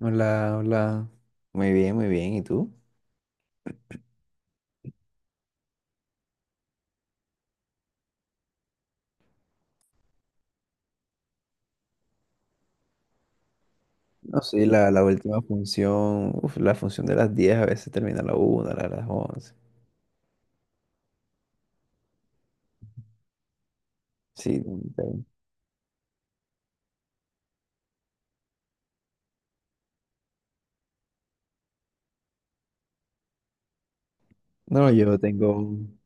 Hola, hola. Muy bien, muy bien. ¿Y tú? No, sí, la última función, uf, la función de las 10 a veces termina a la una a las 11. Sí, tengo- no, yo tengo,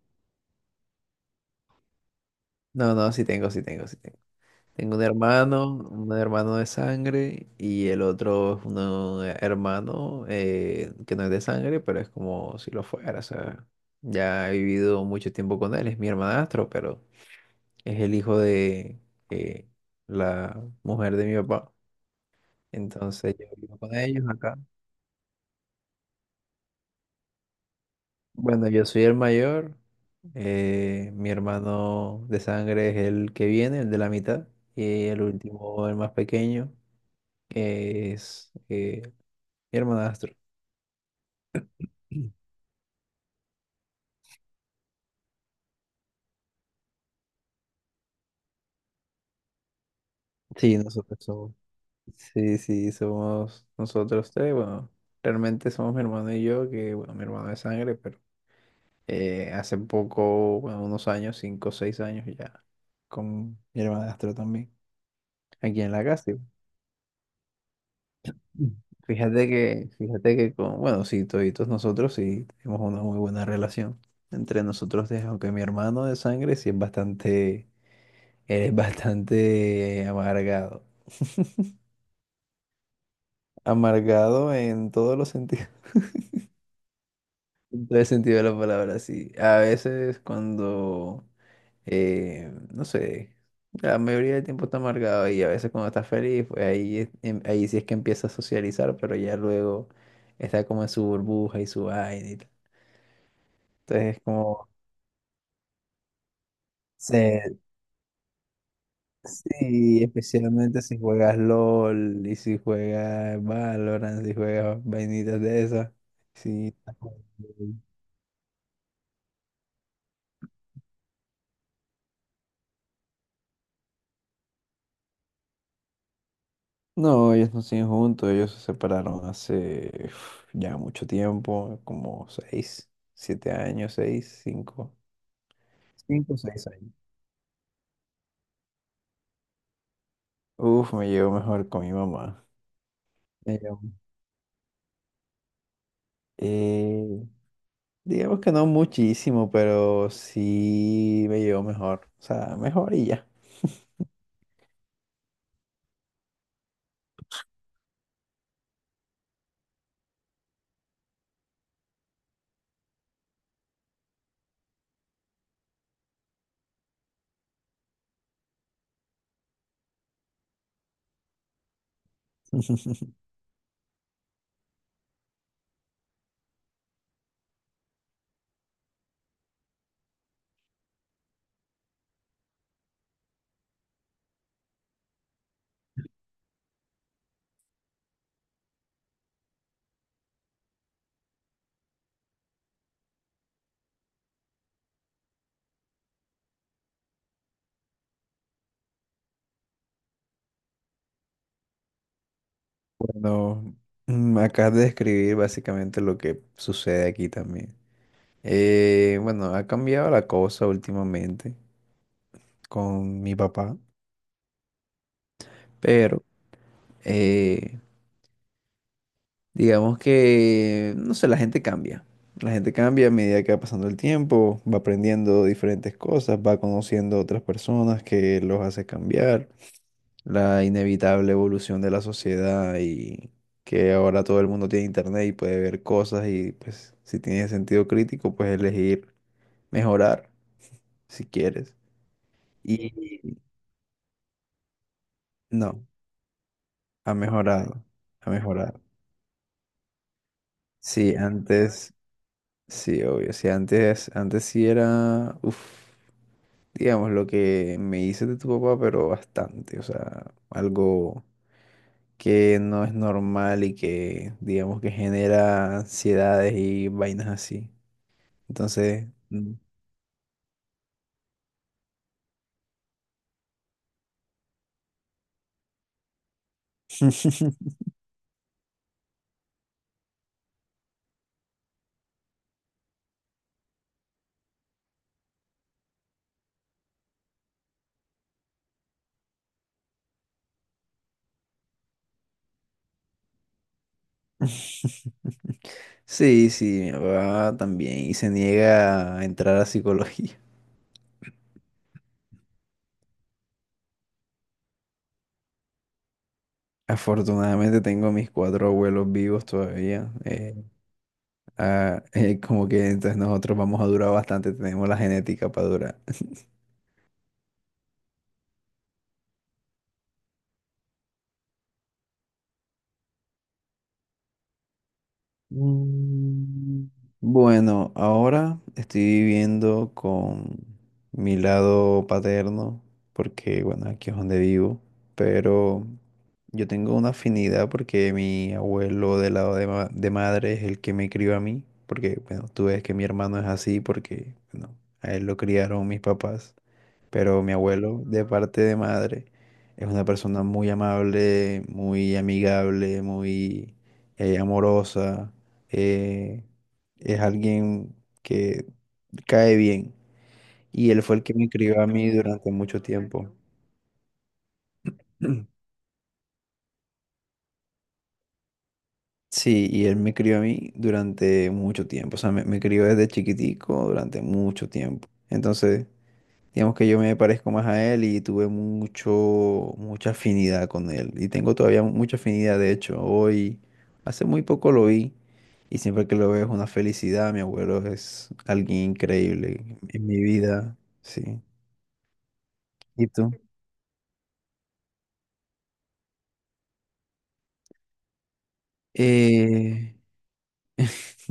no, no, sí tengo, sí tengo, sí tengo. Tengo un hermano de sangre y el otro es un hermano que no es de sangre, pero es como si lo fuera, o sea, ya he vivido mucho tiempo con él, es mi hermanastro, pero es el hijo de eh, la mujer de mi papá. Entonces yo vivo con ellos acá. Bueno, yo soy el mayor. Mi hermano de sangre es el que viene, el de la mitad. Y el último, el más pequeño, que es mi hermanastro. Sí, nosotros somos. Sí, sí, somos nosotros tres. Bueno, realmente somos mi hermano y yo, que bueno, mi hermano de sangre, pero hace poco, bueno, unos años, 5 o 6 años ya, con mi hermanastro también, aquí en la casa. Fíjate que con, bueno, sí, toditos nosotros sí tenemos una muy buena relación entre nosotros, tres, aunque mi hermano de sangre sí es bastante, él es bastante amargado. Amargado en todos los sentidos, en todo el sentido de la palabra, sí. A veces cuando, no sé, la mayoría del tiempo está amargado y a veces cuando está feliz, pues ahí, ahí sí es que empieza a socializar, pero ya luego está como en su burbuja y su vaina y tal. Entonces, como, se, sí, especialmente si juegas LOL y si juegas Valorant, si juegas vainitas de esas. Sí. No, ellos no siguen juntos, ellos se separaron hace uf, ya mucho tiempo, como 6, 7 años, 6, 5. 5, o seis años. Uf, me llevo mejor con mi mamá. Me llevo- eh, digamos que no muchísimo, pero sí me llevo mejor. O sea, mejor y ya. Bueno, acabas de describir básicamente lo que sucede aquí también. Bueno, ha cambiado la cosa últimamente con mi papá, pero eh, digamos que, no sé, la gente cambia. La gente cambia a medida que va pasando el tiempo, va aprendiendo diferentes cosas, va conociendo otras personas que los hace cambiar. La inevitable evolución de la sociedad y que ahora todo el mundo tiene internet y puede ver cosas y pues si tienes sentido crítico, pues elegir mejorar si quieres. Y no, ha mejorado, ha mejorado. Sí, antes, sí, obvio, sí, antes sí era, uff, digamos, lo que me hice de tu papá, pero bastante, o sea, algo que no es normal y que digamos que genera ansiedades y vainas así. Entonces, mm. Sí, sí, mi papá también y se niega a entrar a psicología. Afortunadamente tengo a mis cuatro abuelos vivos todavía. Ah, como que entonces nosotros vamos a durar bastante, tenemos la genética para durar. Mm, Bueno, ahora estoy viviendo con mi lado paterno, porque bueno, aquí es donde vivo, pero yo tengo una afinidad porque mi abuelo del lado de madre es el que me crió a mí, porque bueno, tú ves que mi hermano es así porque bueno, a él lo criaron mis papás. Pero mi abuelo, de parte de madre, es una persona muy amable, muy amigable, muy amorosa. eh, es alguien que cae bien. Y él fue el que me crió a mí durante mucho tiempo. Sí, y él me crió a mí durante mucho tiempo. O sea, me crió desde chiquitico durante mucho tiempo. Entonces, digamos que yo me parezco más a él y tuve mucho, mucha afinidad con él. Y tengo todavía mucha afinidad, de hecho, hoy, hace muy poco lo vi y siempre que lo veo es una felicidad. Mi abuelo es alguien increíble en mi vida, sí. ¿Y tú? Eh...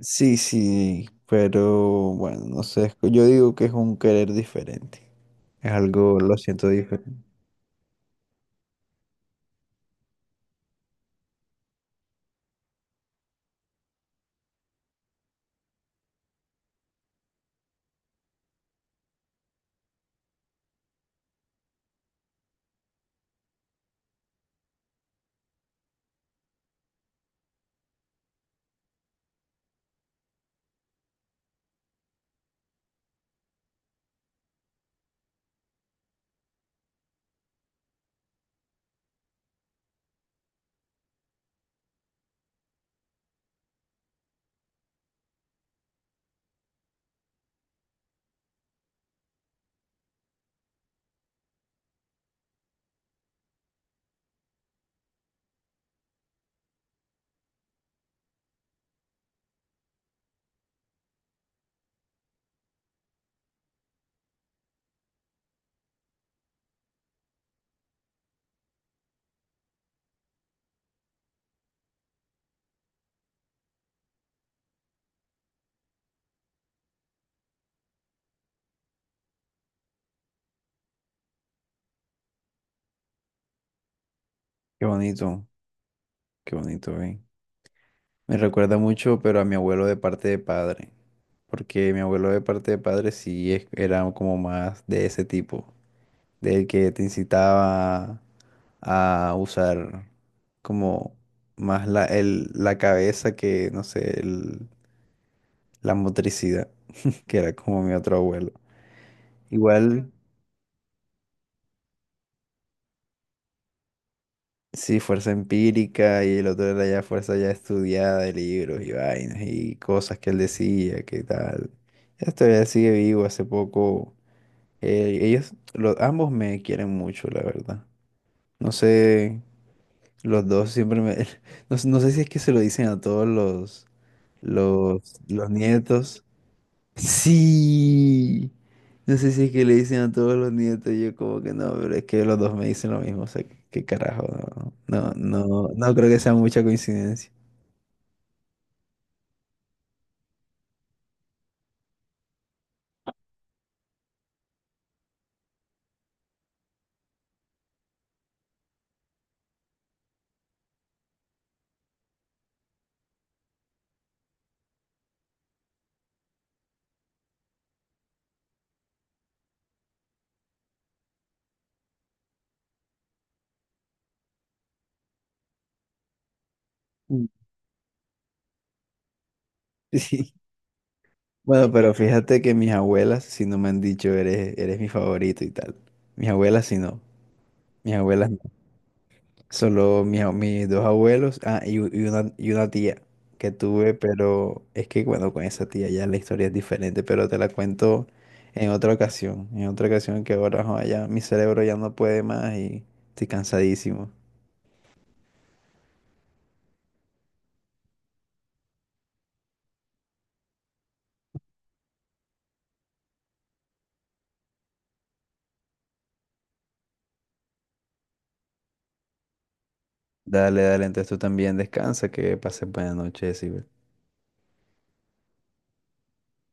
Sí, sí, pero bueno, no sé, es que yo digo que es un querer diferente. Es algo, lo siento diferente. Qué bonito, qué bonito, ¿eh? Me recuerda mucho, pero a mi abuelo de parte de padre, porque mi abuelo de parte de padre sí era como más de ese tipo, del que te incitaba a usar como más la cabeza que, no sé, la motricidad, que era como mi otro abuelo. Igual, sí, fuerza empírica y el otro era ya fuerza ya estudiada de libros y vainas y cosas que él decía, que tal. Esto ya sigue vivo, hace poco. Ellos, ambos me quieren mucho, la verdad. No sé, los dos siempre me... No, no sé si es que se lo dicen a todos los nietos. Sí. No sé si es que le dicen a todos los nietos. Yo como que no, pero es que los dos me dicen lo mismo. O sea, qué carajo. No, no, no, no creo que sea mucha coincidencia. Mm. Sí. Bueno, pero fíjate que mis abuelas si no me han dicho, eres mi favorito y tal. Mis abuelas si no. Mis abuelas. Solo mis dos abuelos, ah, y una tía que tuve, pero es que bueno, con esa tía ya la historia es diferente, pero te la cuento en otra ocasión que ahora joa, ya mi cerebro ya no puede más y estoy cansadísimo. Dale, dale, entonces tú también descansa, que pases buenas noches, y